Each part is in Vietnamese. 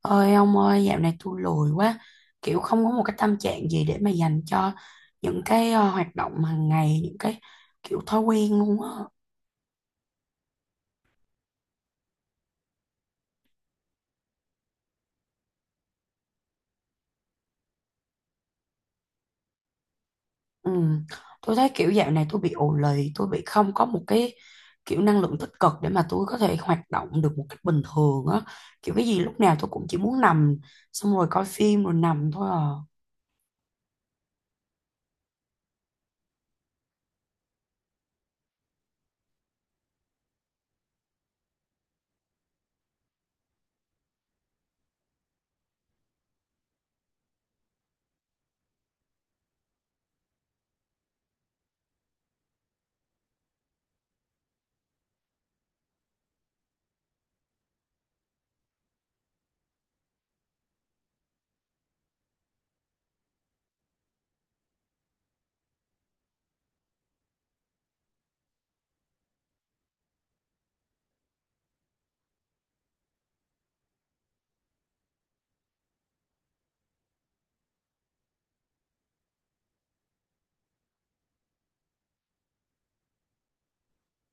Ơi ông ơi, dạo này tôi lười quá, kiểu không có một cái tâm trạng gì để mà dành cho những cái hoạt động hàng ngày, những cái kiểu thói quen luôn á. Ừ. Tôi thấy kiểu dạo này tôi bị ù lì, tôi bị không có một cái kiểu năng lượng tích cực để mà tôi có thể hoạt động được một cách bình thường á. Kiểu cái gì lúc nào tôi cũng chỉ muốn nằm, xong rồi coi phim rồi nằm thôi à.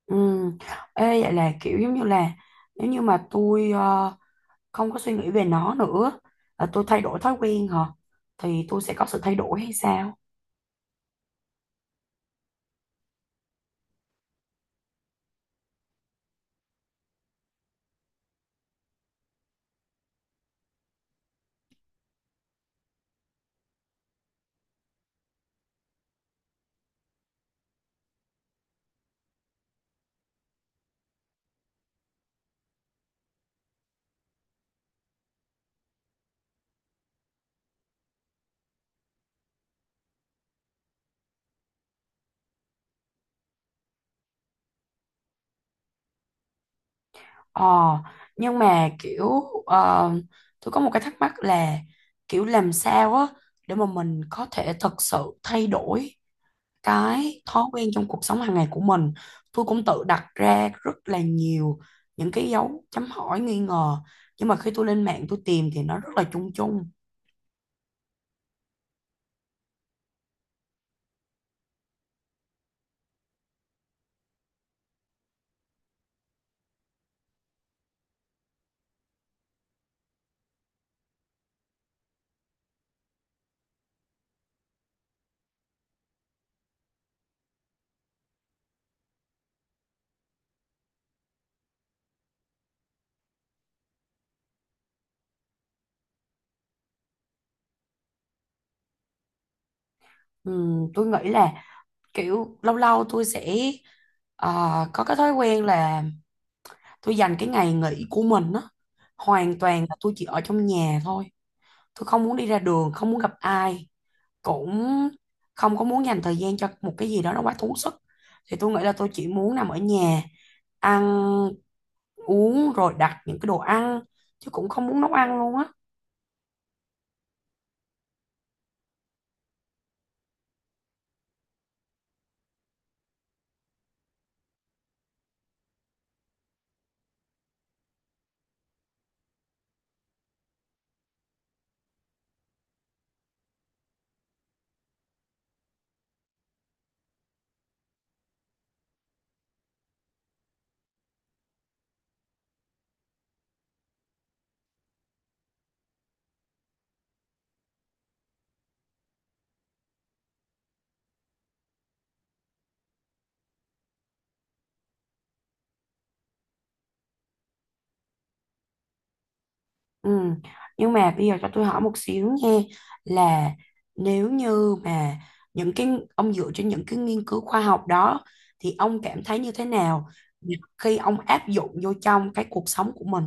Ừ. Ê, vậy là kiểu giống như là nếu như mà tôi không có suy nghĩ về nó nữa, à, tôi thay đổi thói quen hả, thì tôi sẽ có sự thay đổi hay sao? Ờ nhưng mà kiểu ờ, tôi có một cái thắc mắc là kiểu làm sao á để mà mình có thể thật sự thay đổi cái thói quen trong cuộc sống hàng ngày của mình. Tôi cũng tự đặt ra rất là nhiều những cái dấu chấm hỏi nghi ngờ, nhưng mà khi tôi lên mạng tôi tìm thì nó rất là chung chung. Tôi nghĩ là kiểu lâu lâu tôi sẽ ờ, có cái thói quen là tôi dành cái ngày nghỉ của mình á, hoàn toàn là tôi chỉ ở trong nhà thôi. Tôi không muốn đi ra đường, không muốn gặp ai, cũng không có muốn dành thời gian cho một cái gì đó nó quá tốn sức. Thì tôi nghĩ là tôi chỉ muốn nằm ở nhà, ăn uống rồi đặt những cái đồ ăn, chứ cũng không muốn nấu ăn luôn á. Ừ. Nhưng mà bây giờ cho tôi hỏi một xíu nha, là nếu như mà những cái ông dựa trên những cái nghiên cứu khoa học đó, thì ông cảm thấy như thế nào khi ông áp dụng vô trong cái cuộc sống của mình?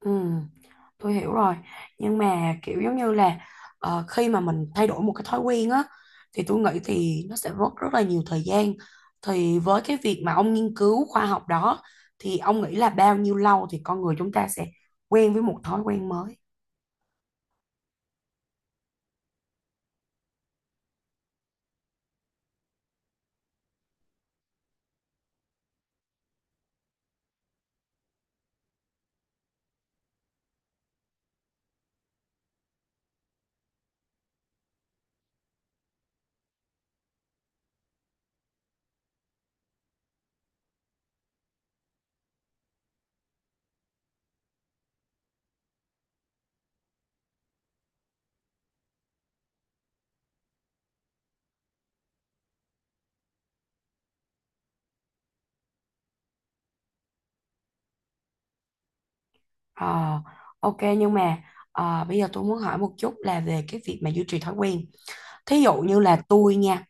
Ừ, tôi hiểu rồi. Nhưng mà kiểu giống như là, khi mà mình thay đổi một cái thói quen á thì tôi nghĩ thì nó sẽ mất rất là nhiều thời gian. Thì với cái việc mà ông nghiên cứu khoa học đó, thì ông nghĩ là bao nhiêu lâu thì con người chúng ta sẽ quen với một thói quen mới? Ờ, ok, nhưng mà bây giờ tôi muốn hỏi một chút là về cái việc mà duy trì thói quen. Thí dụ như là tôi nha,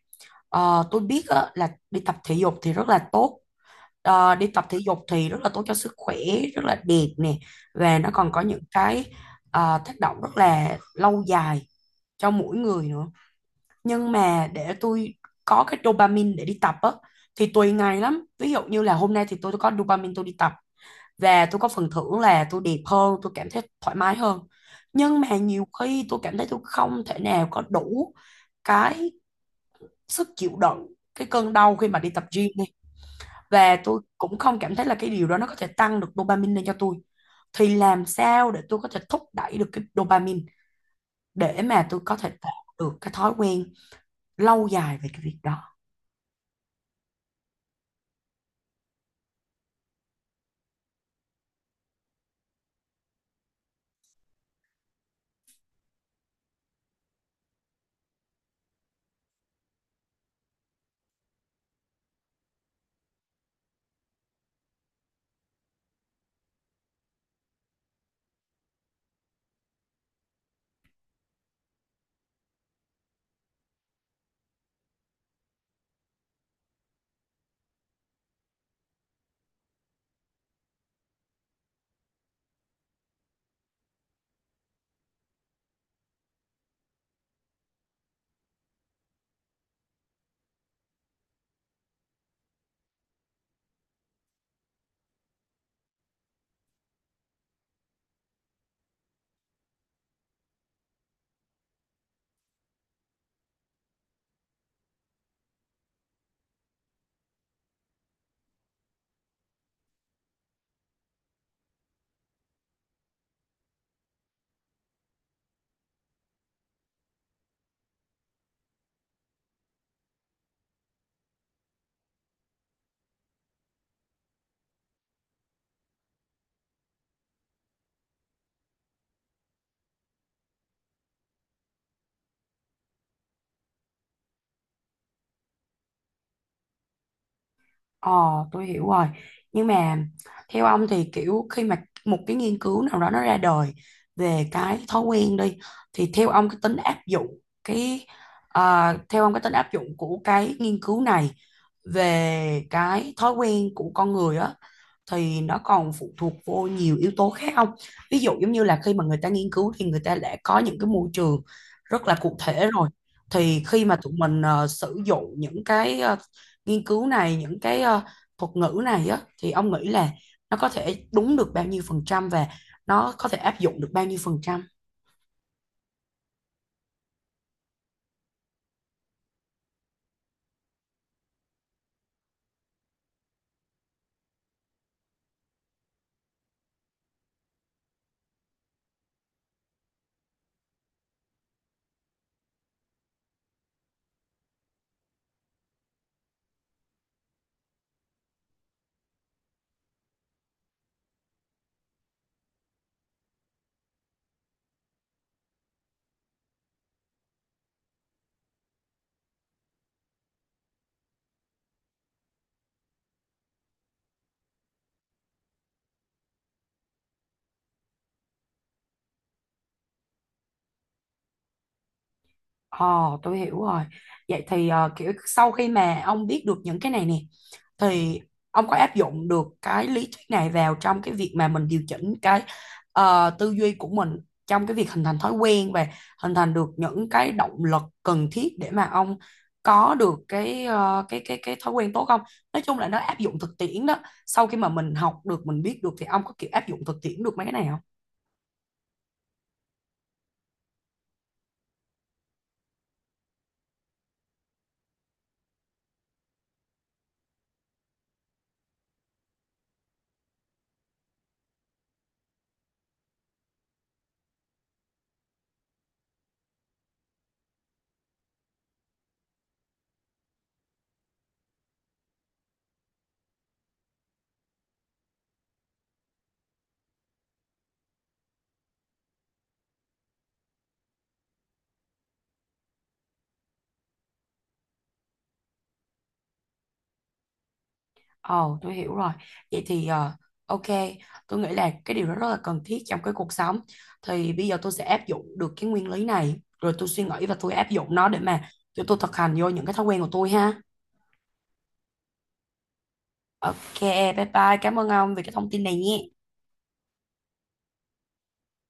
tôi biết á, là đi tập thể dục thì rất là tốt. Ờ, đi tập thể dục thì rất là tốt cho sức khỏe, rất là đẹp nè, và nó còn có những cái tác động rất là lâu dài cho mỗi người nữa. Nhưng mà để tôi có cái dopamine để đi tập á thì tùy ngày lắm. Ví dụ như là hôm nay thì tôi có dopamine, tôi đi tập về tôi có phần thưởng là tôi đẹp hơn, tôi cảm thấy thoải mái hơn. Nhưng mà nhiều khi tôi cảm thấy tôi không thể nào có đủ cái sức chịu đựng cái cơn đau khi mà đi tập gym đi, và tôi cũng không cảm thấy là cái điều đó nó có thể tăng được dopamine lên cho tôi. Thì làm sao để tôi có thể thúc đẩy được cái dopamine để mà tôi có thể tạo được cái thói quen lâu dài về cái việc đó? Ờ, tôi hiểu rồi. Nhưng mà theo ông thì kiểu khi mà một cái nghiên cứu nào đó nó ra đời về cái thói quen đi, thì theo ông cái tính áp dụng cái à, theo ông cái tính áp dụng của cái nghiên cứu này về cái thói quen của con người á, thì nó còn phụ thuộc vô nhiều yếu tố khác không? Ví dụ giống như là khi mà người ta nghiên cứu thì người ta đã có những cái môi trường rất là cụ thể rồi. Thì khi mà tụi mình sử dụng những cái nghiên cứu này, những cái thuật ngữ này á, thì ông nghĩ là nó có thể đúng được bao nhiêu phần trăm, và nó có thể áp dụng được bao nhiêu phần trăm? Ồ, tôi hiểu rồi. Vậy thì kiểu sau khi mà ông biết được những cái này nè, thì ông có áp dụng được cái lý thuyết này vào trong cái việc mà mình điều chỉnh cái tư duy của mình trong cái việc hình thành thói quen, và hình thành được những cái động lực cần thiết để mà ông có được cái thói quen tốt không? Nói chung là nó áp dụng thực tiễn đó. Sau khi mà mình học được, mình biết được, thì ông có kiểu áp dụng thực tiễn được mấy cái này không? Ồ, tôi hiểu rồi. Vậy thì ok, tôi nghĩ là cái điều đó rất là cần thiết trong cái cuộc sống. Thì bây giờ tôi sẽ áp dụng được cái nguyên lý này, rồi tôi suy nghĩ và tôi áp dụng nó để mà cho tôi thực hành vô những cái thói quen của tôi ha. Ok, bye bye. Cảm ơn ông vì cái thông tin này nhé.